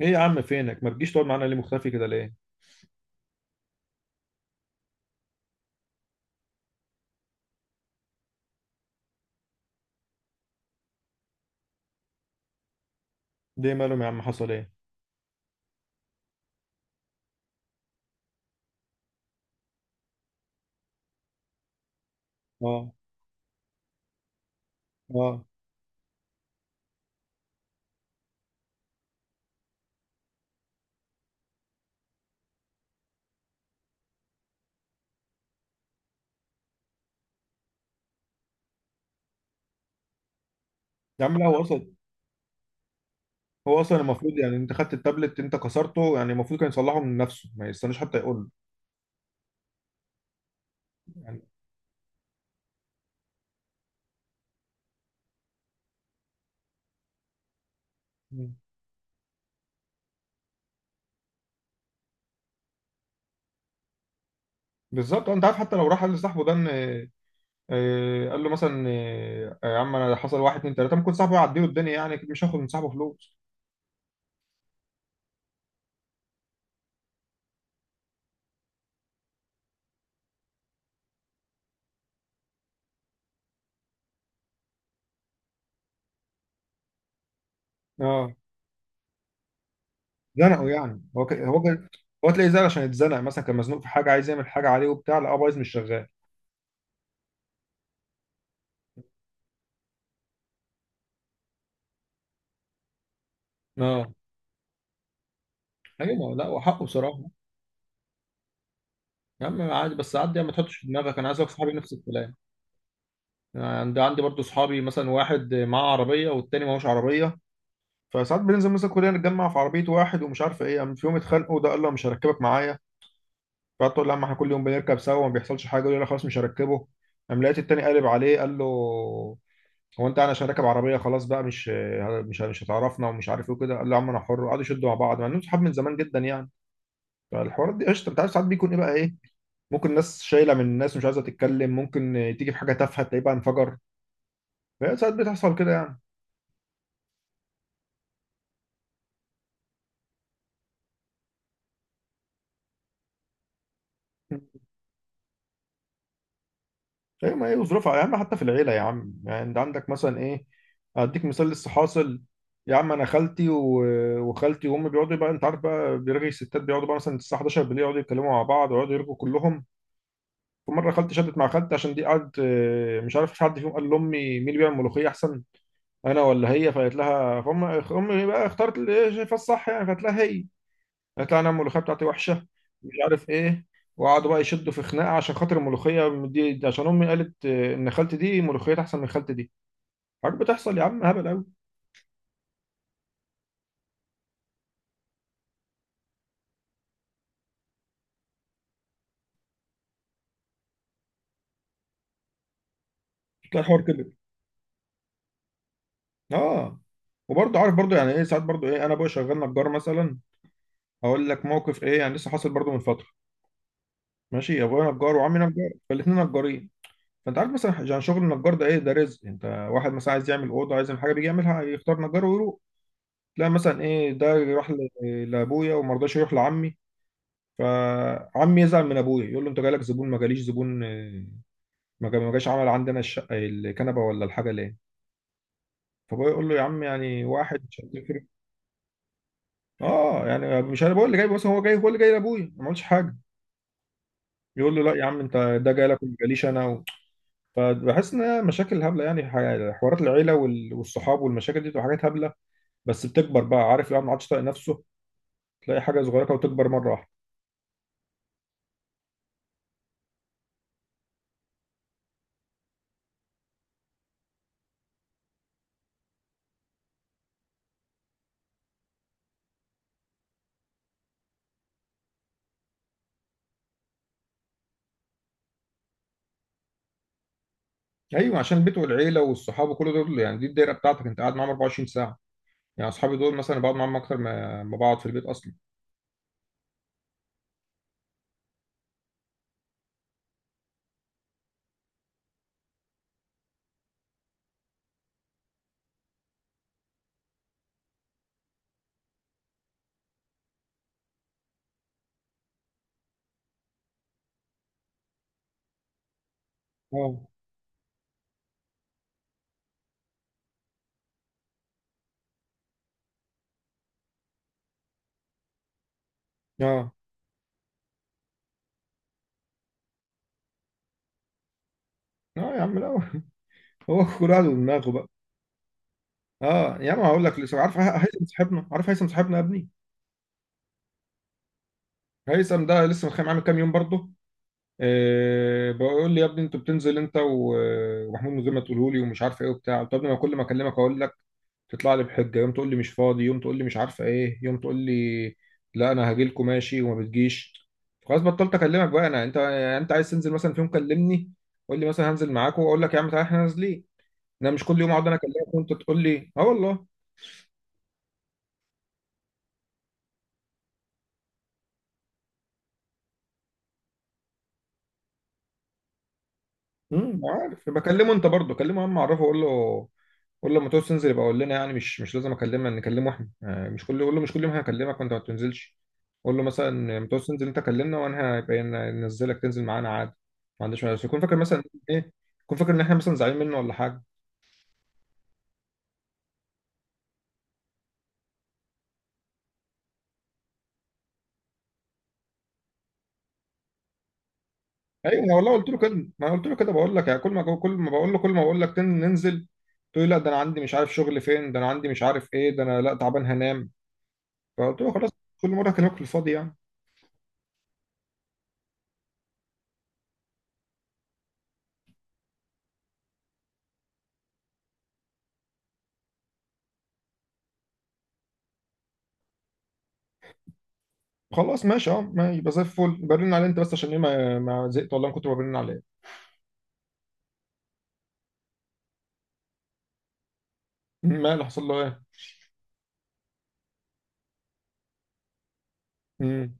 ايه يا عم، فينك؟ ما بتجيش تقعد معانا ليه؟ مختفي كده ليه؟ ليه مالهم يا عم؟ حصل ايه؟ اه. اه يا عم لا، هو اصلا المفروض يعني انت خدت التابلت، انت كسرته، يعني المفروض كان يصلحه من نفسه، ما يستناش حتى يقول له. يعني مم. بالظبط، انت عارف حتى لو راح قال لصاحبه ده ان، قال له مثلا، يا عم انا حصل واحد اتنين تلاته، ممكن صاحبه يعديله الدنيا، يعني أكيد مش هاخد من صاحبه فلوس. اه. زنقه يعني، هو تلاقيه زعل عشان يتزنق، مثلا كان مزنوق في حاجه، عايز يعمل حاجه عليه وبتاع، لا بايظ مش شغال. اه ايوه، ما هو لا وحقه بصراحه. يا عم عادي، بس عادي يعني، ما تحطش في دماغك انا عايز اقول صحابي نفس الكلام. يعني عندي برضه صحابي، مثلا واحد معاه عربيه والتاني معهوش عربيه. فساعات بننزل مثلا كلنا، نتجمع في عربيه واحد ومش عارف ايه. يعني في يوم اتخانقوا، ده قال له مش هركبك معايا. فقعدت اقول له يا عم، احنا كل يوم بنركب سوا وما بيحصلش حاجه. يقول لي لا خلاص، مش هركبه. قام لقيت التاني قالب عليه، قال له: هو انت، انا عشان راكب عربيه خلاص بقى، مش هتعرفنا، ومش عارف ايه وكده. قال له يا عم انا حر. وقعدوا يشدوا مع بعض، مع انهم صحاب من زمان جدا يعني. فالحوارات دي قشطه، انت عارف، ساعات بيكون ايه بقى ايه، ممكن ناس شايله من الناس ومش عايزه تتكلم، ممكن تيجي في حاجه تافهه تلاقيه بقى انفجر. فهي ساعات بتحصل كده يعني. ايوه، ما هي وظروفها يا عم، حتى في العيله يا عم. يعني انت عندك مثلا ايه، اديك مثال لسه حاصل. يا عم انا وخالتي وامي بيقعدوا بقى، انت عارف بقى بيرغي الستات، بيقعدوا بقى مثلا الساعه 11 بالليل، يقعدوا يتكلموا مع بعض ويقعدوا يرغوا كلهم. فمره خالتي شدت مع خالتي عشان دي قعدت، مش عارف، مش حد فيهم قال لامي: مين اللي بيعمل ملوخيه احسن، انا ولا هي؟ فقالت لها، فام امي بقى اختارت اللي هي شايفاه الصح، يعني فقالت لها هي: هيطلع انا الملوخيه بتاعتي وحشه، مش عارف ايه. وقعدوا بقى يشدوا في خناقه عشان خاطر الملوخيه دي عشان امي قالت، ان خالتي دي ملوخيتها احسن من خالتي دي. حاجات بتحصل يا عم هبل قوي. بتلاقي الحوار كده. اه. وبرضه عارف برضه يعني ايه، ساعات برضه ايه، انا ابويا شغال نجار مثلا. هقول لك موقف ايه، يعني لسه حاصل برضه من فتره. ماشي، ابويا نجار وعمي نجار، فالاثنين نجارين. فانت عارف مثلا، يعني شغل النجار ده ايه، ده رزق انت. واحد مثلا عايز يعمل اوضه، عايز يعمل حاجه، بيجي يعملها يختار نجار ويروح. تلاقي مثلا ايه، ده راح لابويا وما رضاش يروح لعمي. فعمي يزعل من ابويا، يقول له انت جالك زبون ما جاليش زبون، ما جاش عمل عندنا الشقه، الكنبه ولا الحاجه ليه. فابويا يقول له يا عم يعني واحد مش هتفرق. اه يعني مش انا بقول اللي جاي بس، هو جاي، هو اللي جاي لابويا ما عملش حاجه. يقول له لا يا عم، انت ده جاي لك وما جاليش انا و... فبحس ان هي مشاكل هبله، يعني حوارات العيله والصحاب والمشاكل دي بتبقى حاجات هبله، بس بتكبر بقى. عارف الواحد ما عادش طايق نفسه، تلاقي حاجه صغيره كده وتكبر مره واحده. ايوه، عشان البيت والعيله والصحاب وكل دول، يعني دي الدايره بتاعتك، انت قاعد معاهم 24 ساعه. يعني اصحابي دول مثلا بقعد معاهم اكتر ما بقعد في البيت اصلا. اه. اه. اه يا عم لا. هو كل واحد ودماغه بقى. اه يا عم، هقول لك، لسه عارف هيثم صاحبنا؟ عارف هيثم صاحبنا يا ابني؟ هيثم ده لسه متخانق معاه من كام يوم برضه. إيه بقول لي يا ابني انت بتنزل انت ومحمود من غير ما تقوله لي، ومش عارف ايه وبتاع. طب ما كل ما اكلمك اقول لك، تطلع لي بحجه، يوم تقول لي مش فاضي، يوم تقول لي مش عارفه ايه، يوم تقول لي لا انا هاجي لكم ماشي وما بتجيش. خلاص بطلت اكلمك بقى. انا، انت عايز تنزل مثلا في يوم كلمني. قول لي مثلا هنزل معاكم، واقول لك يا عم تعالى احنا نازلين. انا مش كل يوم اقعد انا اكلمك وانت تقول لي اه والله. عارف، يبقى كلمه انت برضه كلمه، يا عم اعرفه قول له. قول له لما تعوز تنزل يبقى قول لنا. يعني مش لازم اكلمه، نكلمه احنا، مش كل، قول له مش كل يوم هكلمك وانت ما بتنزلش. قول له مثلا لما تعوز تنزل انت كلمنا، وانا هيبقى ننزلك تنزل معانا عادي. ما عنديش مانع، بس يكون فاكر مثلا. ايه، يكون فاكر ان احنا مثلا زعلانين منه ولا حاجه. ايوه، ما والله قلت له كده، ما أنا قلت له كده، بقول لك يعني كل ما كل ما بقول له، كل ما بقول لك ننزل، تقول لي لا ده انا عندي مش عارف شغل فين، ده انا عندي مش عارف ايه، ده انا لا تعبان هنام. فقلت له خلاص، كل مره هكلمك في الفاضي يعني. خلاص ماشي. اه ما يبقى زي الفل، برن عليه انت بس عشان ايه، ما زهقت والله من كتر ما برن عليه. ما اللي حصل له ايه؟ امم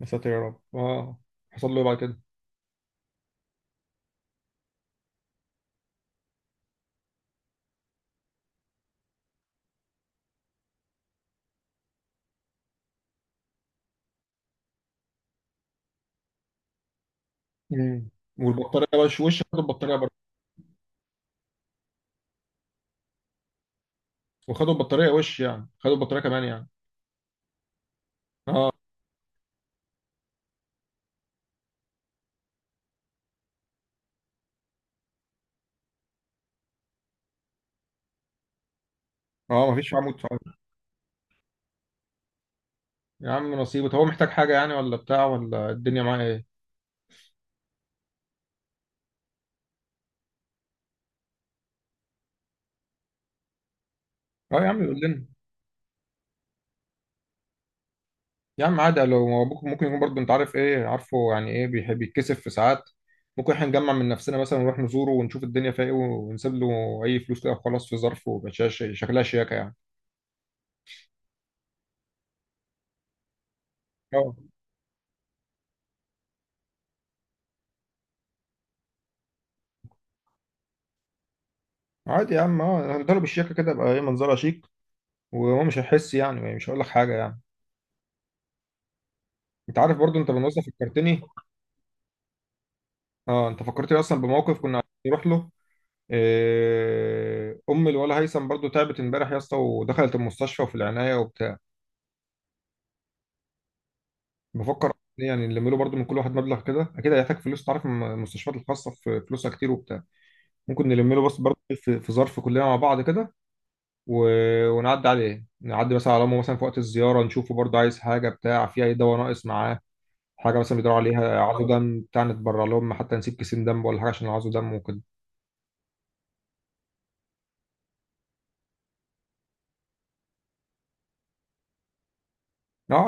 يا ساتر يا رب. اه. حصل له ايه بعد كده؟ امم والبطاريه وش خدوا البطاريه برضه؟ وخدوا البطاريه وش يعني، خدوا البطاريه كمان يعني؟ اه. اه، ما فيش عمود فعال. يا عم نصيبه. طب هو محتاج حاجه يعني، ولا بتاع، ولا الدنيا معاه ايه؟ اه يا عم يقول لنا. يا عم عادي، لو هو ممكن يكون برضه، انت عارف ايه، عارفه يعني ايه، بيحب يتكسف في ساعات. ممكن احنا نجمع من نفسنا مثلا ونروح نزوره ونشوف الدنيا فيها ايه، ونسيب له اي فلوس كده وخلاص في ظرف، ويبقى شكلها شياكه يعني. اه عادي يا عم. اه هنضرب بالشياكه كده، يبقى ايه منظرها شيك، وهو مش هيحس، يعني مش هقول لك حاجه يعني. انت عارف برضه، انت بالمناسبه فكرتني. اه، انت فكرتني اصلا بموقف كنا عايزين نروح له. إيه، ام الولا هيثم برضه تعبت امبارح يا اسطى، ودخلت المستشفى وفي العنايه وبتاع. بفكر يعني نلم له برضه من كل واحد مبلغ كده، اكيد هيحتاج فلوس. تعرف المستشفيات الخاصه في فلوسها كتير وبتاع. ممكن نلم له، بس برضه في ظرف كلنا مع بعض كده، و... ونعدي عليه، نعدي مثلا على امه مثلا في وقت الزياره، نشوفه برضه عايز حاجه بتاع، في اي دواء ناقص معاه، حاجه مثلا بيدور عليها، عايزه دم بتاع نتبرع لهم، حتى نسيب كيسين دم ولا حاجه عشان عايزه دم وكده. اه.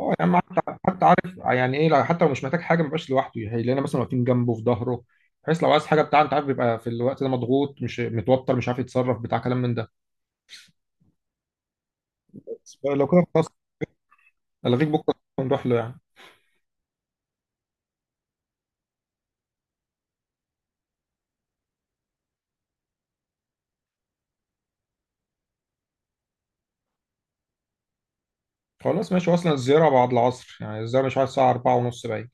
اه يا عم، حتى عارف يعني ايه حتى لو مش محتاج حاجه، ما بيبقاش لوحده، هيلاقينا مثلا واقفين جنبه في ظهره، بحيث لو عايز حاجه بتاع، انت عارف بيبقى في الوقت ده مضغوط، مش متوتر، مش عارف يتصرف، بتاع كلام من ده. لو كده خلاص، الغيك بكره ونروح له يعني. خلاص ماشي، اصلا الزياره بعد العصر، يعني الزياره مش عارف الساعه 4 ونص باين.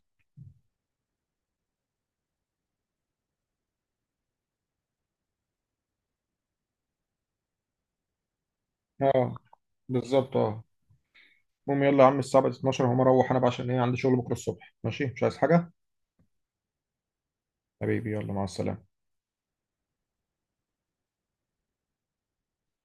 اه بالظبط اه. المهم يلا يا عم، الساعه بقت 12، هقوم اروح انا بقى عشان ايه، عندي شغل بكره الصبح. ماشي، مش عايز حاجه. حبيبي يلا، مع السلامه.